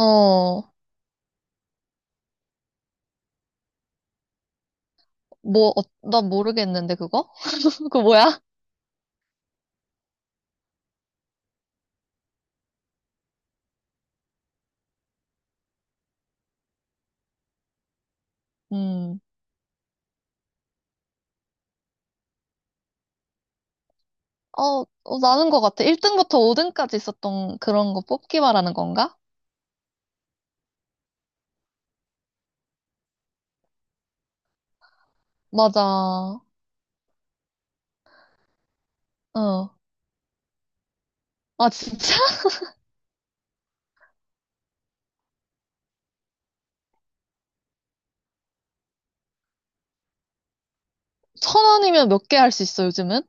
어, 뭐, 어, 나 모르겠는데, 그거? 그거 뭐야? 음, 어, 어, 나는 것 같아. 1등부터 5등까지 있었던 그런 거 뽑기 말하는 건가? 맞아. 어. 아, 진짜? 1,000원이면 몇 개 할 수 있어, 요즘은?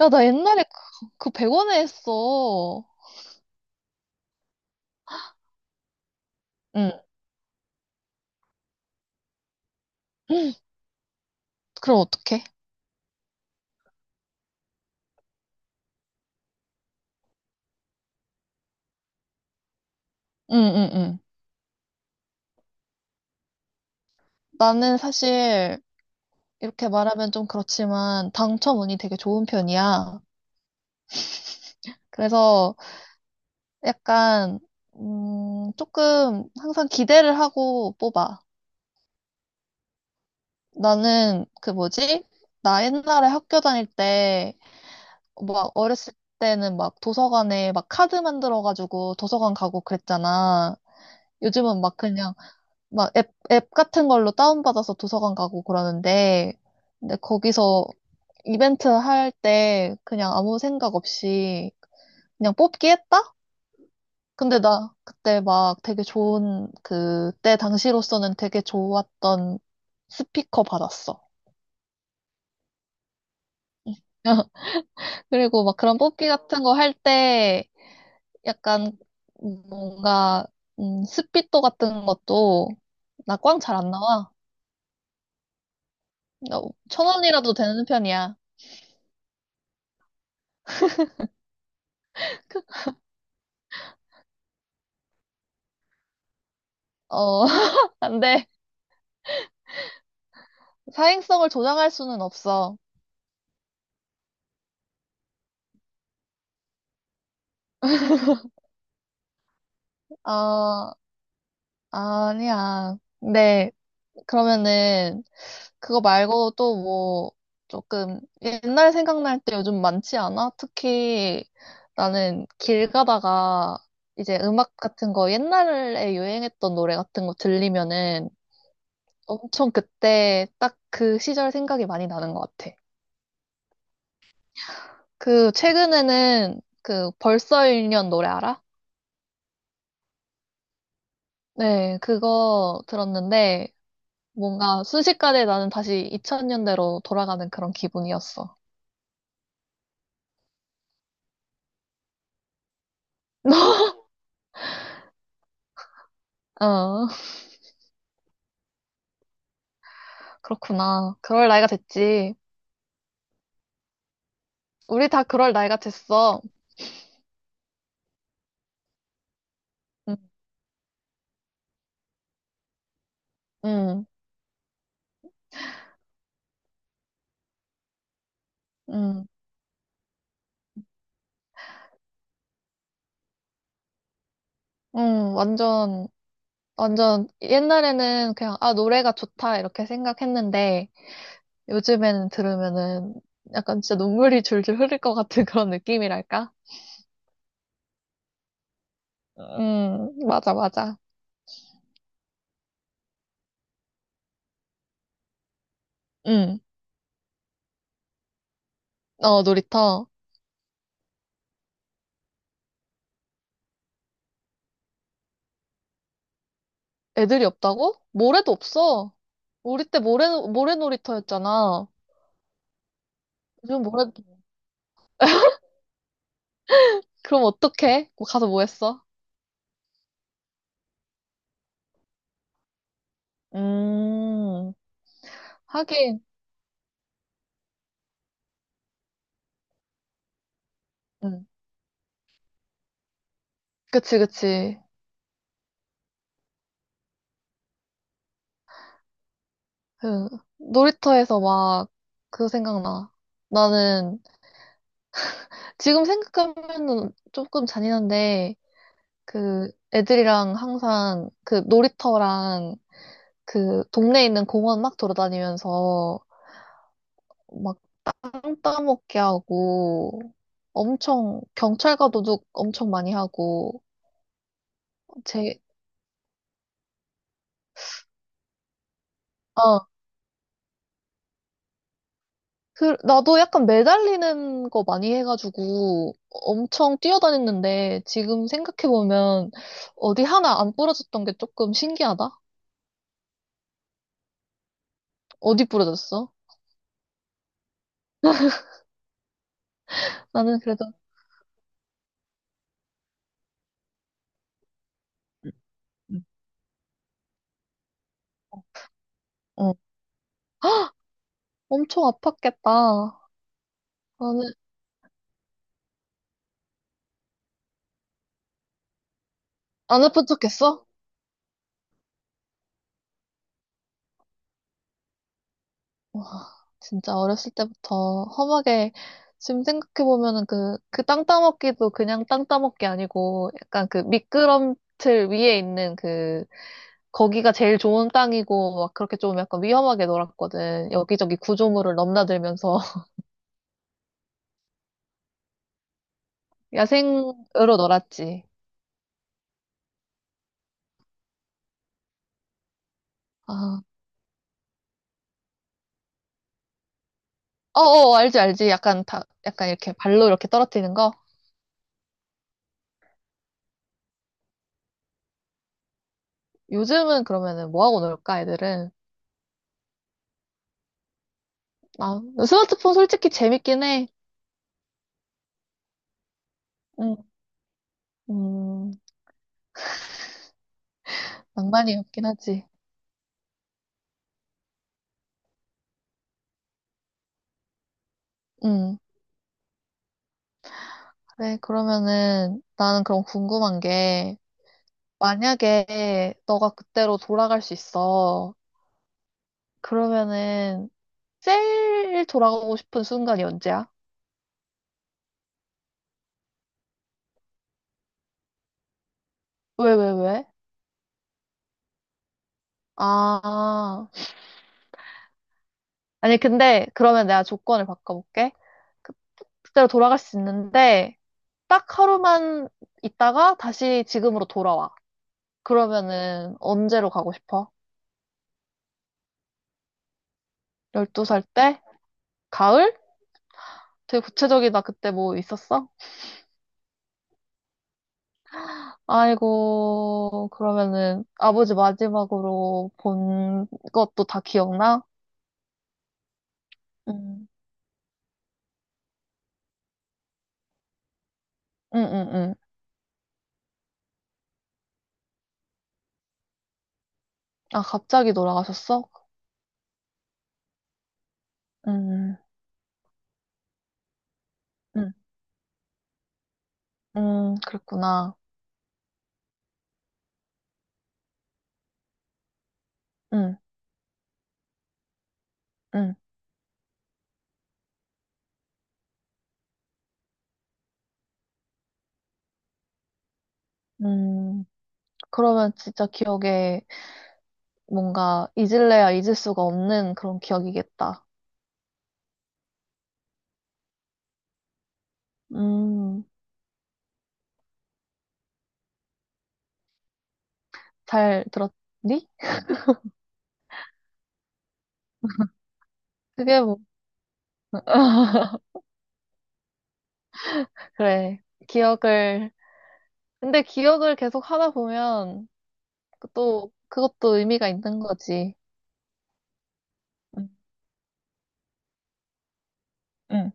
야, 나 옛날에 그 100원에 했어. 응. 그럼 어떡해? 응, 응, 응. 나는 사실, 이렇게 말하면 좀 그렇지만, 당첨운이 되게 좋은 편이야. 그래서, 약간, 조금 항상 기대를 하고 뽑아. 나는 그 뭐지? 나 옛날에 학교 다닐 때, 막 어렸을 때는 막 도서관에 막 카드 만들어가지고 도서관 가고 그랬잖아. 요즘은 막 그냥 막 앱 같은 걸로 다운받아서 도서관 가고 그러는데, 근데 거기서 이벤트 할 때 그냥 아무 생각 없이 그냥 뽑기 했다? 근데 나 그때 막 되게 좋은, 그때 당시로서는 되게 좋았던 스피커 받았어. 그리고 막 그런 뽑기 같은 거 할 때 약간 뭔가, 스피또 같은 것도 나 꽝 잘 안 나와. 나 1,000원이라도 되는 편이야. 어, 근데 사행성을 조장할 수는 없어. 아, 아니야. 네, 그러면은 그거 말고 또 뭐, 조금 옛날 생각날 때 요즘 많지 않아? 특히 나는 길 가다가 이제 음악 같은 거 옛날에 유행했던 노래 같은 거 들리면은 엄청 그때 딱 그 시절 생각이 많이 나는 것 같아. 그 최근에는 그 벌써 1년 노래 알아? 네, 그거 들었는데 뭔가 순식간에 나는 다시 2000년대로 돌아가는 그런 기분이었어. 어, 그렇구나. 그럴 나이가 됐지. 우리 다 그럴 나이가 됐어. 응, 응, 응, 응, 완전, 완전, 옛날에는 그냥, 아, 노래가 좋다, 이렇게 생각했는데, 요즘에는 들으면은, 약간 진짜 눈물이 줄줄 흐를 것 같은 그런 느낌이랄까? 응, 맞아, 맞아. 응, 어, 놀이터. 애들이 없다고? 모래도 없어. 우리 때 모래, 모래 놀이터였잖아. 요즘 모래, 그럼 어떡해? 뭐 가서 뭐 했어? 음, 하긴, 응. 그치, 그치. 그 놀이터에서 막 그거 생각나. 나는 지금 생각하면은 조금 잔인한데 그 애들이랑 항상 그 놀이터랑 그 동네에 있는 공원 막 돌아다니면서 막 땅 따먹게 하고 엄청 경찰과도둑 엄청 많이 하고 제어 그, 나도 약간 매달리는 거 많이 해가지고 엄청 뛰어다녔는데 지금 생각해보면 어디 하나 안 부러졌던 게 조금 신기하다? 어디 부러졌어? 나는 그래도, 음, 어, 엄청 아팠겠다. 나는 안 아픈 척했어? 와, 진짜 어렸을 때부터 험하게 지금 생각해보면은 그 땅 따먹기도 그냥 땅 따먹기 아니고 약간 그 미끄럼틀 위에 있는 그 거기가 제일 좋은 땅이고 막 그렇게 좀 약간 위험하게 놀았거든. 여기저기 구조물을 넘나들면서 야생으로 놀았지. 아, 어어 알지 알지. 약간 다 약간 이렇게 발로 이렇게 떨어뜨리는 거. 요즘은 그러면은 뭐 하고 놀까 애들은? 아, 스마트폰 솔직히 재밌긴 해. 음, 음, 낭만이 없긴 하지. 음, 그래 그러면은 나는 그럼 궁금한 게 만약에 너가 그때로 돌아갈 수 있어. 그러면은 제일 돌아가고 싶은 순간이 언제야? 왜, 왜, 왜? 아, 아니, 근데 그러면 내가 조건을 바꿔볼게. 그- 그때로 돌아갈 수 있는데, 딱 하루만 있다가 다시 지금으로 돌아와. 그러면은 언제로 가고 싶어? 12살 때? 가을? 되게 구체적이다. 그때 뭐 있었어? 아이고, 그러면은 아버지 마지막으로 본 것도 다 기억나? 음, 응, 응, 응. 아, 갑자기 돌아가셨어? 음. 음. 그랬구나. 응, 응, 음. 그러면 진짜 기억에 뭔가 잊을래야 잊을 수가 없는 그런 기억이겠다. 음, 잘 들었니? 그게 뭐, 그래. 기억을, 근데 기억을 계속 하다 보면 또 그것도 의미가 있는 거지. 응, 응.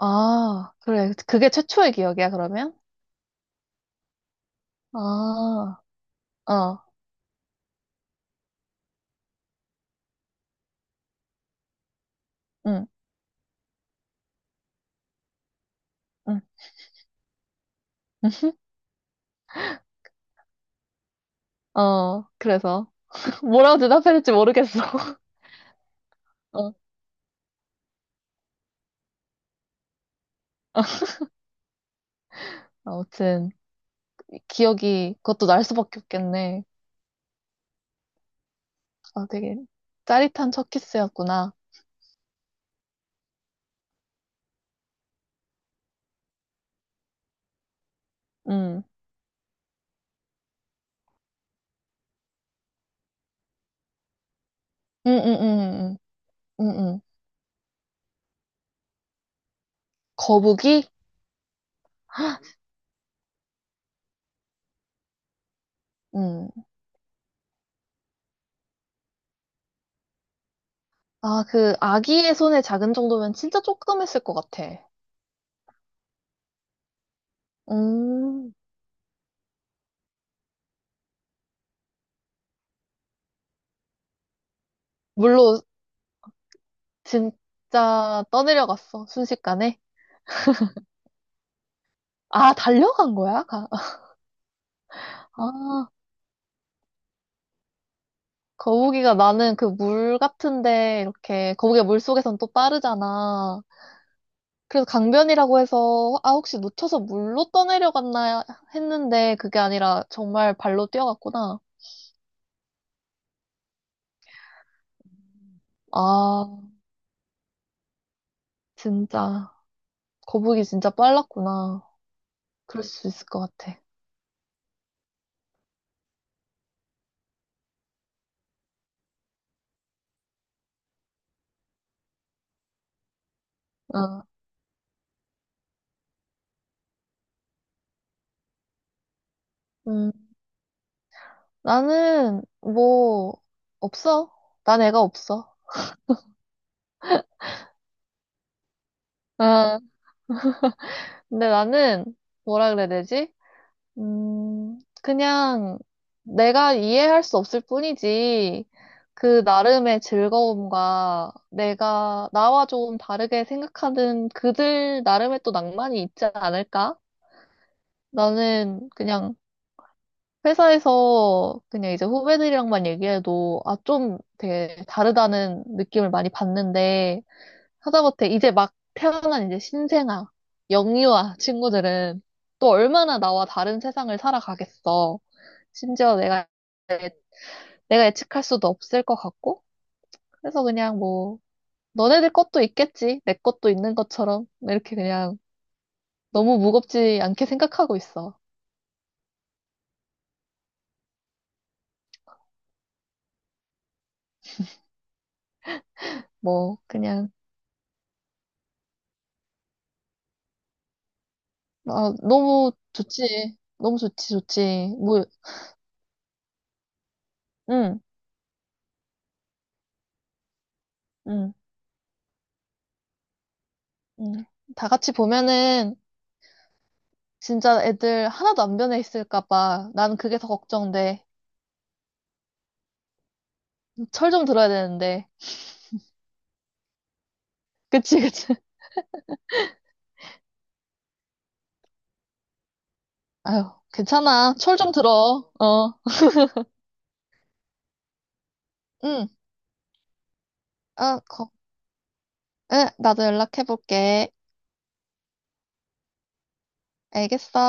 아, 그래. 그게 최초의 기억이야, 그러면? 아, 어, 응, 응. 어, 그래서. 뭐라고 대답해야 될지 모르겠어. 어, 아무튼. 기억이 그것도 날 수밖에 없겠네. 아, 되게 짜릿한 첫 키스였구나. 음, 음, 음, 음, 음, 음. 음. 거북이? 음. 아, 그 아기의 손의 작은 정도면 진짜 조금 했을 것 같아. 음, 물로 진짜 떠내려갔어, 순식간에. 아, 달려간 거야? 아, 거북이가 나는 그 물 같은데, 이렇게, 거북이가 물 속에선 또 빠르잖아. 그래서 강변이라고 해서 아 혹시 놓쳐서 물로 떠내려갔나 했는데 그게 아니라 정말 발로 뛰어갔구나. 아 진짜 거북이 진짜 빨랐구나. 그럴 수 있을 것 같아. 어, 음 나는 뭐 없어. 난 애가 없어. 아 근데 나는 뭐라 그래야 되지? 그냥 내가 이해할 수 없을 뿐이지. 그 나름의 즐거움과 내가 나와 좀 다르게 생각하는 그들 나름의 또 낭만이 있지 않을까? 나는 그냥 회사에서 그냥 이제 후배들이랑만 얘기해도 아, 좀 되게 다르다는 느낌을 많이 받는데 하다못해 이제 막 태어난 이제 신생아, 영유아 친구들은 또 얼마나 나와 다른 세상을 살아가겠어. 심지어 내가 예측할 수도 없을 것 같고. 그래서 그냥 뭐 너네들 것도 있겠지. 내 것도 있는 것처럼. 이렇게 그냥 너무 무겁지 않게 생각하고 있어. 뭐, 그냥, 아, 너무 좋지. 너무 좋지, 좋지. 뭐, 응, 응, 응. 다 같이 보면은 진짜 애들 하나도 안 변해 있을까 봐. 난 그게 더 걱정돼. 철 좀 들어야 되는데. 그치, 그치. 아유, 괜찮아. 철 좀 들어. 어, 응. 아, 거, 응, 나도 연락해볼게. 알겠어.